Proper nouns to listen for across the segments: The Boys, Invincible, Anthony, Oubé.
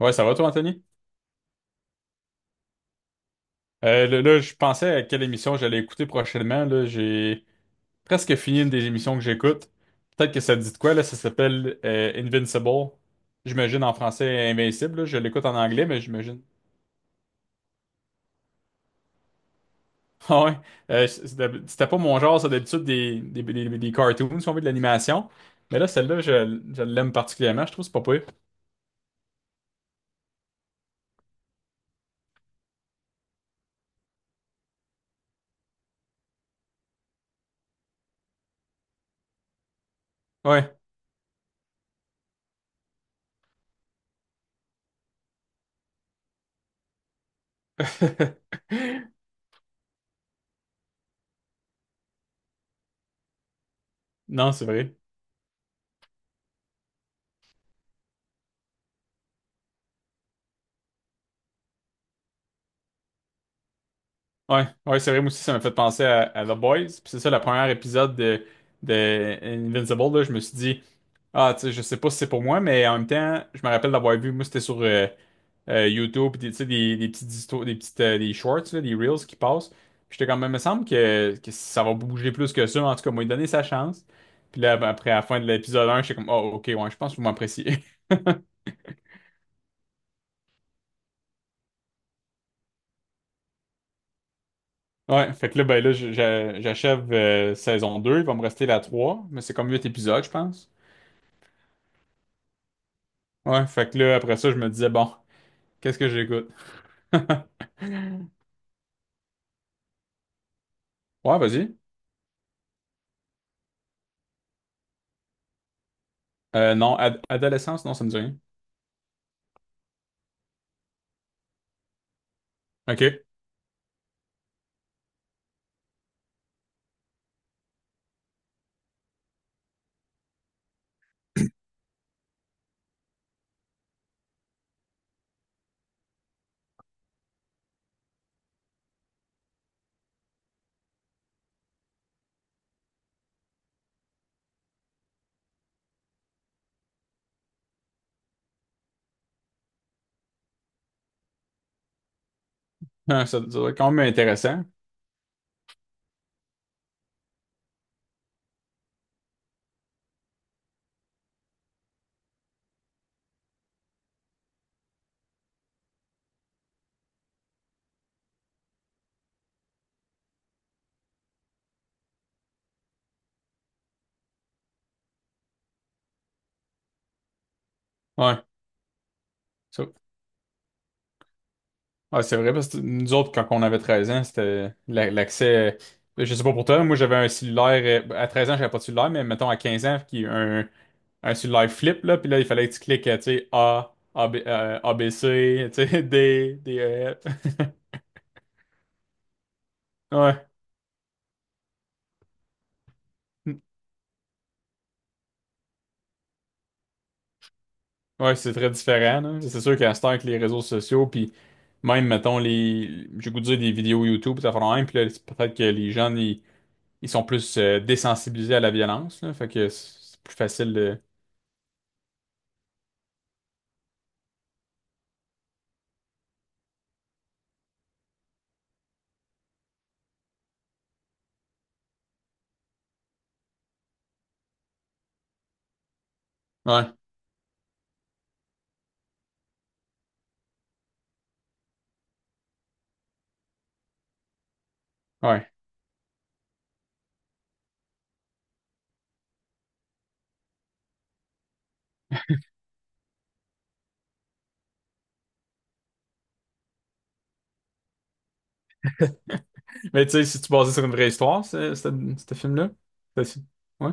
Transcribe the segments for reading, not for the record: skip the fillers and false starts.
Ouais, ça va toi, Anthony? Je pensais à quelle émission j'allais écouter prochainement. Là, j'ai presque fini une des émissions que j'écoute. Peut-être que ça te dit de quoi, là, ça s'appelle Invincible. J'imagine en français Invincible, là. Je l'écoute en anglais, mais j'imagine. Ah ouais. C'était pas mon genre, ça, d'habitude, des cartoons, si on veut, de l'animation. Mais là, celle-là, je l'aime particulièrement, je trouve que c'est pas pire. Ouais. Non, c'est vrai. Ouais, ouais, c'est vrai, moi aussi, ça m'a fait penser à The Boys. Puis c'est ça, le premier épisode de Invincible, là, je me suis dit, ah, tu sais, je sais pas si c'est pour moi, mais en même temps, je me rappelle d'avoir vu, moi, c'était sur YouTube, puis tu sais, des petites histoires, des petites, des shorts, là, des reels qui passent. Puis j'étais quand même, me semble que ça va bouger plus que ça, mais en tout cas, moi, il donné sa chance. Puis là, ben, après, à la fin de l'épisode un, j'étais comme, oh, ok, ouais, je pense que vous m'appréciez. Ouais, fait que là, ben là, j'achève saison 2. Il va me rester la 3, mais c'est comme 8 épisodes, je pense. Ouais, fait que là, après ça, je me disais, bon, qu'est-ce que j'écoute? Ouais, vas-y. Non, adolescence, non, ça me dit rien. OK. Ah, ça doit être quand même intéressant. Ouais. Ça- ouais, c'est vrai, parce que nous autres, quand on avait 13 ans, c'était l'accès. Je sais pas pour toi, moi j'avais un cellulaire. À 13 ans, j'avais pas de cellulaire, mais mettons à 15 ans, qui un cellulaire flip, là, puis là, il fallait que tu cliques, tu sais, A, A, B, ABC, tu sais, D, D, E, F. Ouais. Ouais, c'est très différent, là. C'est sûr qu'à cette heure, avec les réseaux sociaux, puis même, mettons, j'ai goût de dire des vidéos YouTube, ça fait même, puis là, c'est peut-être que les jeunes, ils sont plus désensibilisés à la violence, là. Fait que c'est plus facile de. Ouais, ouais. Mais tu sais, si tu basais sur une vraie histoire, ce film-là, c'est- ouais,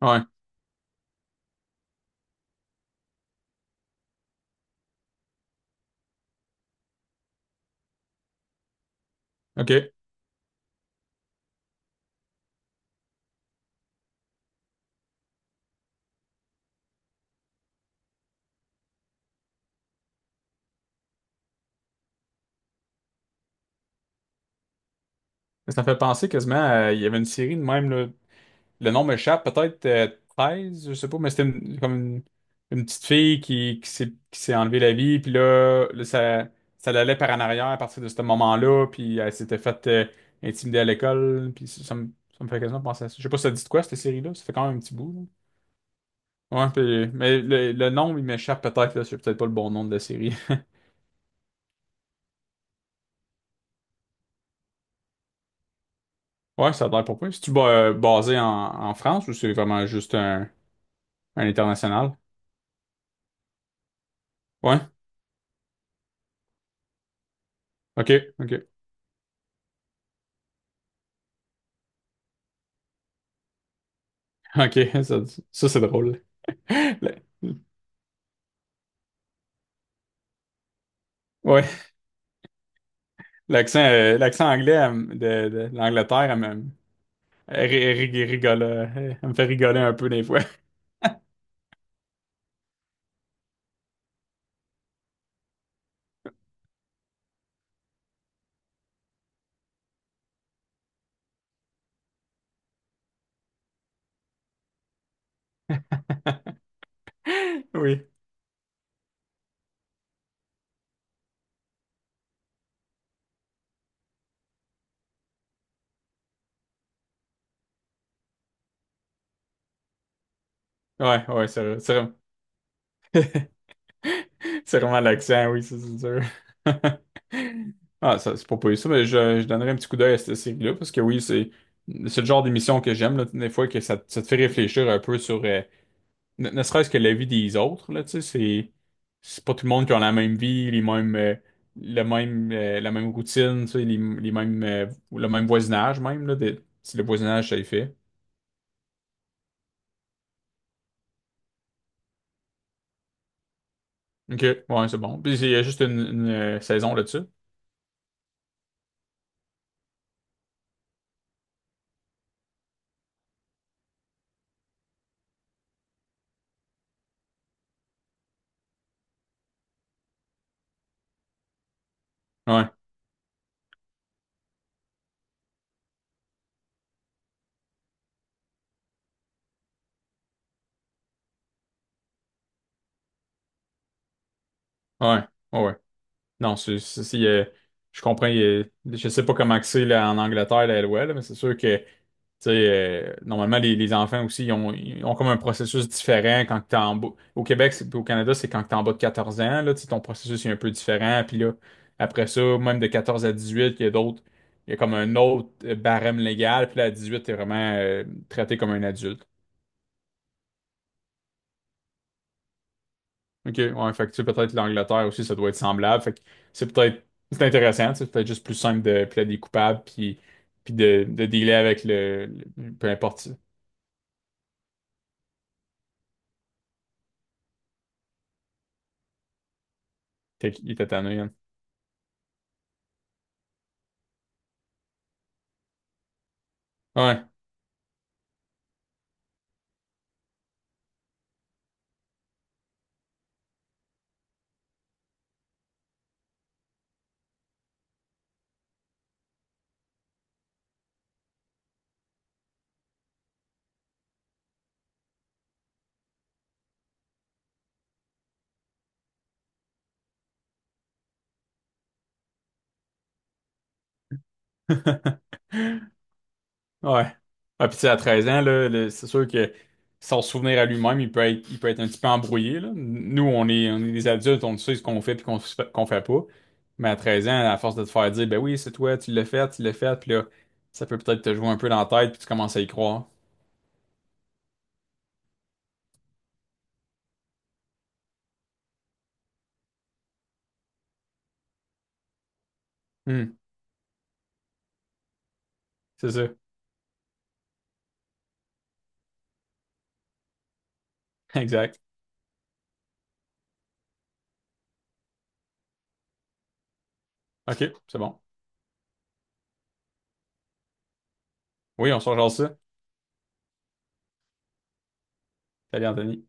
ouais, ok. Ça me fait penser quasiment à. Il y avait une série de même, là. Le nom m'échappe, peut-être 13, je sais pas, mais c'était comme une petite fille qui s'est enlevée la vie, puis là, ça, ça l'allait par en arrière à partir de ce moment-là, puis elle s'était faite intimider à l'école, puis ça, ça me fait quasiment penser à ça. Je sais pas, si ça dit de quoi cette série-là? Ça fait quand même un petit bout, là. Ouais, mais le nom, il m'échappe peut-être, là, c'est peut-être pas le bon nom de la série. Ouais, ça a l'air pas pire. C'est-tu basé en France ou c'est vraiment juste un international? Ouais, ok, ok. Ok, ça, ça, c'est drôle. Le- Ouais, l'accent anglais elle de l'Angleterre, elle me fait rigoler un peu des fois. Oui, ouais, ouais, c'est vrai. C'est vraiment l'accent, oui, ça, c'est sûr. Ah, ça, c'est pas pour ça, mais je donnerai un petit coup d'œil à cette série-là, parce que oui, c'est le genre d'émission que j'aime, là, des fois, que ça te fait réfléchir un peu sur, ne serait-ce que la vie des autres, là, tu sais, c'est pas tout le monde qui a la même vie, les mêmes, le même, la même routine, tu sais, le même voisinage même, là, si le voisinage, ça y fait. OK, ouais, c'est bon. Puis il y a juste une saison là-dessus. Ouais, ouais, ouais. Ouais. Non, je comprends. Je sais pas comment que c'est là, en Angleterre, la LOL, là, mais c'est sûr que tu sais, normalement, les enfants aussi, ils ont comme un processus différent quand t'es en bas. Au Québec puis au Canada, c'est quand t'es en bas de 14 ans, là, tu sais, ton processus est un peu différent. Puis là, après ça, même de 14 à 18, il y a comme un autre barème légal. Puis là, à 18, t'es vraiment traité comme un adulte. OK, ouais, fait que tu sais, peut-être l'Angleterre aussi, ça doit être semblable. Fait que c'est peut-être c'est intéressant, tu sais, c'est peut-être juste plus simple de plaider des coupables puis de dealer avec peu importe, il était tanné, hein. Ouais. Ouais. Ah, puis tu sais, à 13 ans, là, c'est sûr que sans se souvenir à lui-même, il peut être un petit peu embrouillé, là. Nous, on est des adultes, on sait ce qu'on fait puis qu'on fait pas. Mais à 13 ans, à force de te faire dire, ben oui, c'est toi, tu l'as fait, puis là, ça peut peut-être te jouer un peu dans la tête puis tu commences à y croire. Hmm, c'est ça. Exact. OK, c'est bon. Oui, on se rejoint ça. Salut, Anthony.